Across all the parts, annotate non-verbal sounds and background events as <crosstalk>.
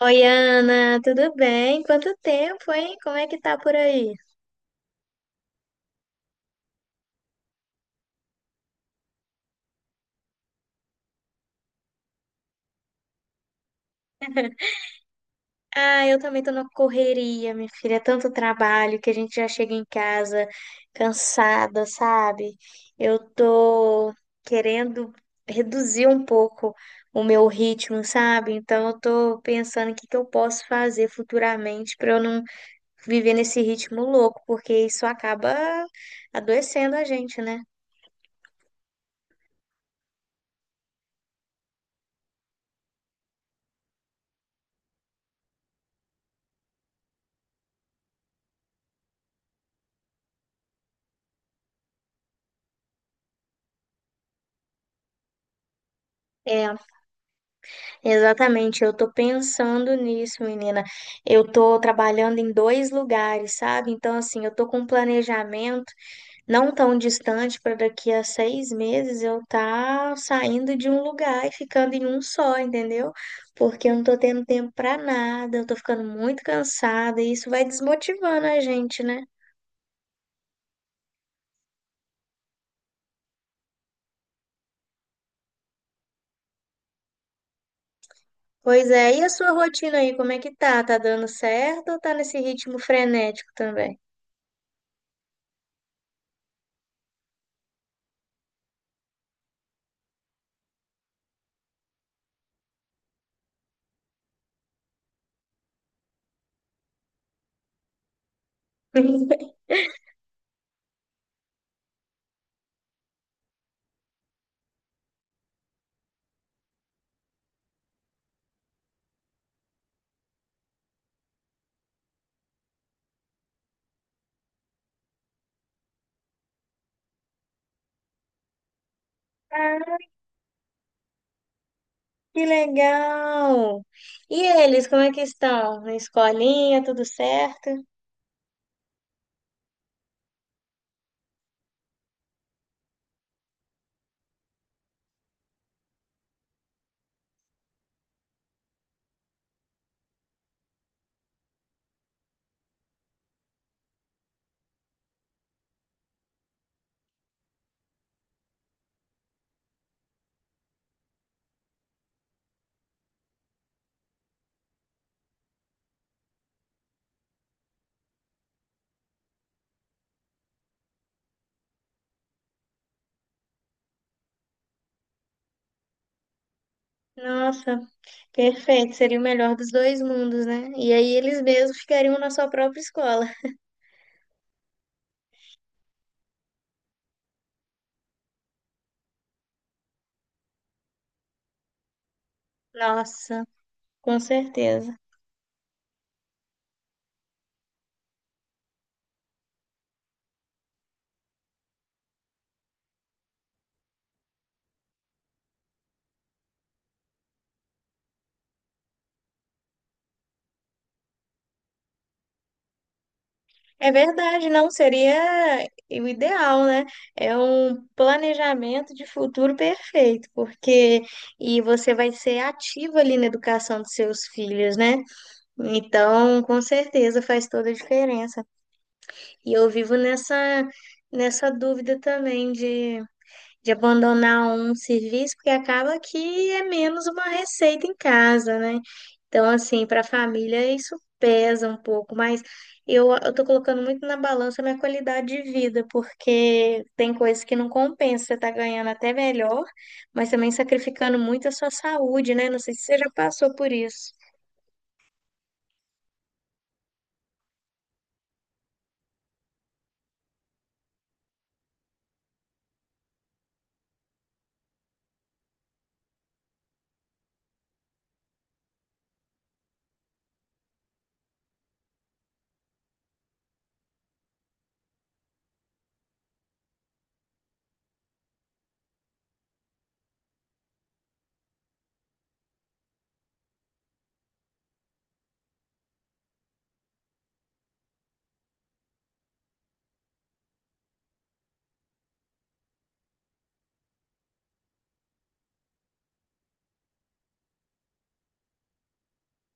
Oi, Ana, tudo bem? Quanto tempo, hein? Como é que tá por aí? Ah, eu também tô na correria, minha filha. É tanto trabalho que a gente já chega em casa cansada, sabe? Eu tô querendo reduzir um pouco o meu ritmo, sabe? Então eu tô pensando o que que eu posso fazer futuramente pra eu não viver nesse ritmo louco, porque isso acaba adoecendo a gente, né? É, exatamente, eu tô pensando nisso, menina. Eu tô trabalhando em dois lugares, sabe? Então, assim, eu tô com um planejamento não tão distante para daqui a 6 meses eu tá saindo de um lugar e ficando em um só, entendeu? Porque eu não tô tendo tempo para nada, eu tô ficando muito cansada e isso vai desmotivando a gente, né? Pois é, e a sua rotina aí, como é que tá? Tá dando certo ou tá nesse ritmo frenético também? <laughs> Que legal! E eles, como é que estão? Na escolinha, tudo certo? Nossa, perfeito, seria o melhor dos dois mundos, né? E aí eles mesmos ficariam na sua própria escola. Nossa, com certeza. É verdade, não seria o ideal, né? É um planejamento de futuro perfeito, porque e você vai ser ativo ali na educação dos seus filhos, né? Então, com certeza faz toda a diferença. E eu vivo nessa, dúvida também de abandonar um serviço, porque acaba que é menos uma receita em casa, né? Então, assim, para a família isso pesa um pouco, mas eu tô colocando muito na balança a minha qualidade de vida, porque tem coisas que não compensa, você tá ganhando até melhor, mas também sacrificando muito a sua saúde, né? Não sei se você já passou por isso.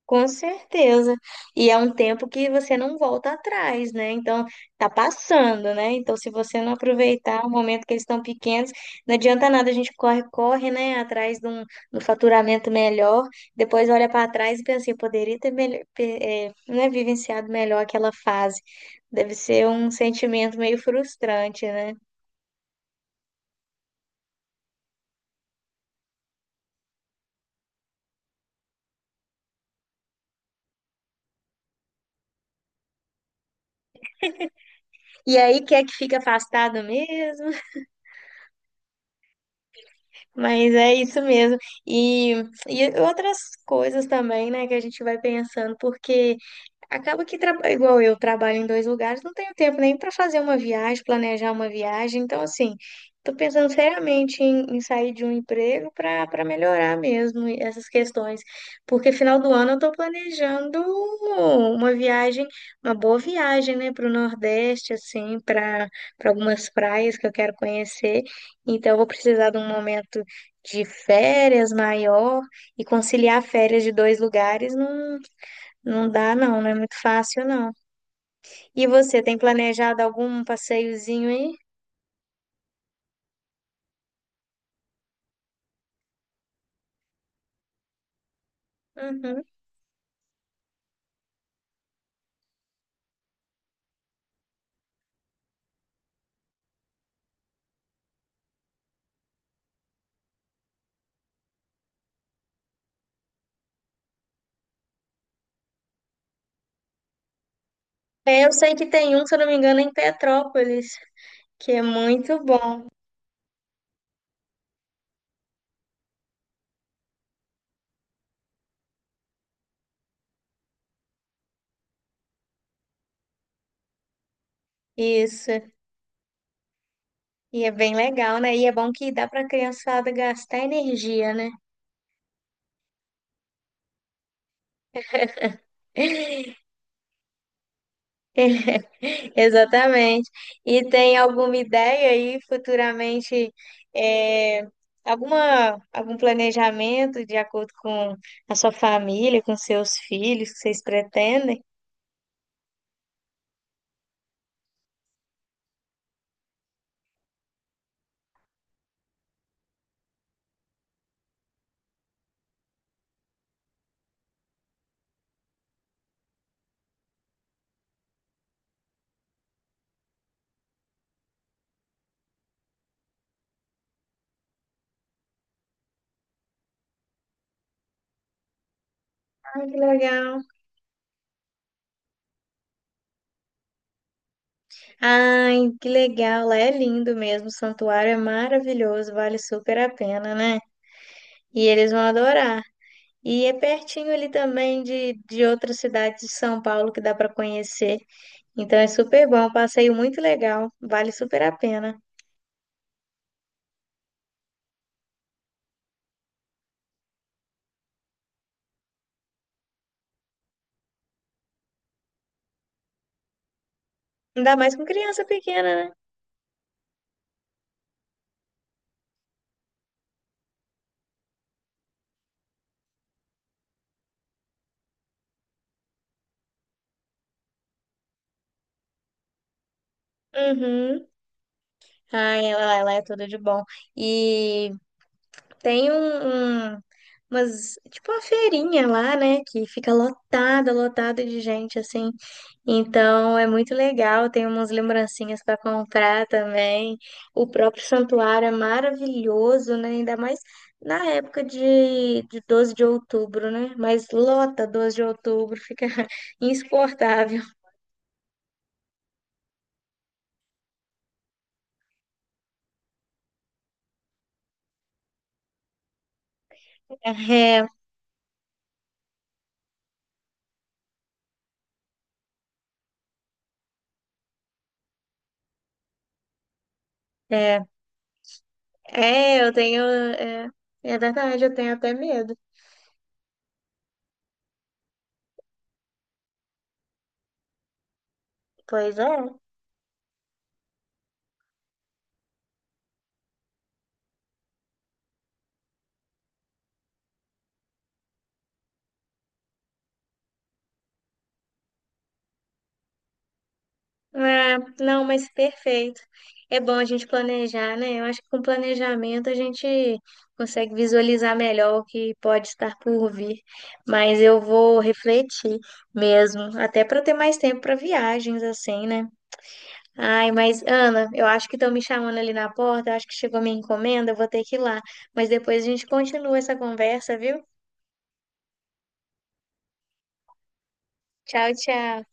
Com certeza. E é um tempo que você não volta atrás, né? Então, tá passando, né? Então, se você não aproveitar o momento que eles estão pequenos, não adianta nada, a gente corre, corre, né? Atrás de um, faturamento melhor, depois olha para trás e pensa assim, eu poderia ter melhor, né, vivenciado melhor aquela fase. Deve ser um sentimento meio frustrante, né? E aí, quer que fica afastado mesmo? Mas é isso mesmo. E, e outras coisas também, né, que a gente vai pensando, porque. Acaba que, igual eu trabalho em dois lugares, não tenho tempo nem para fazer uma viagem, planejar uma viagem. Então, assim, estou pensando seriamente em sair de um emprego para melhorar mesmo essas questões. Porque final do ano eu estou planejando uma viagem, uma boa viagem, né, para o Nordeste, assim, para algumas praias que eu quero conhecer. Então, eu vou precisar de um momento de férias maior e conciliar férias de dois lugares não dá não, não é muito fácil não. E você, tem planejado algum passeiozinho aí? Uhum. É, eu sei que tem um, se eu não me engano, em Petrópolis, que é muito bom. Isso. E é bem legal, né? E é bom que dá para a criançada gastar energia, né? <laughs> Exatamente. E tem alguma ideia aí futuramente, é, alguma, algum planejamento de acordo com a sua família, com seus filhos, que vocês pretendem? Ai, que legal. Ai, que legal, lá é lindo mesmo, o santuário é maravilhoso, vale super a pena, né? E eles vão adorar. E é pertinho ali também de outras cidades de São Paulo que dá para conhecer. Então é super bom, um passeio muito legal, vale super a pena. Ainda mais com criança pequena, né? Uhum. Ai, lá é tudo de bom. E tem umas, tipo uma feirinha lá, né? Que fica lotada, lotada de gente, assim. Então é muito legal, tem umas lembrancinhas para comprar também. O próprio santuário é maravilhoso, né? Ainda mais na época de 12 de outubro, né? Mas lota 12 de outubro, fica <laughs> insuportável. É, é, é, eu tenho. É, é verdade, eu tenho até medo. Pois é. Ah, não, mas perfeito. É bom a gente planejar, né? Eu acho que com planejamento a gente consegue visualizar melhor o que pode estar por vir. Mas eu vou refletir mesmo, até para ter mais tempo para viagens, assim, né? Ai, mas Ana, eu acho que estão me chamando ali na porta, eu acho que chegou minha encomenda, eu vou ter que ir lá. Mas depois a gente continua essa conversa, viu? Tchau, tchau.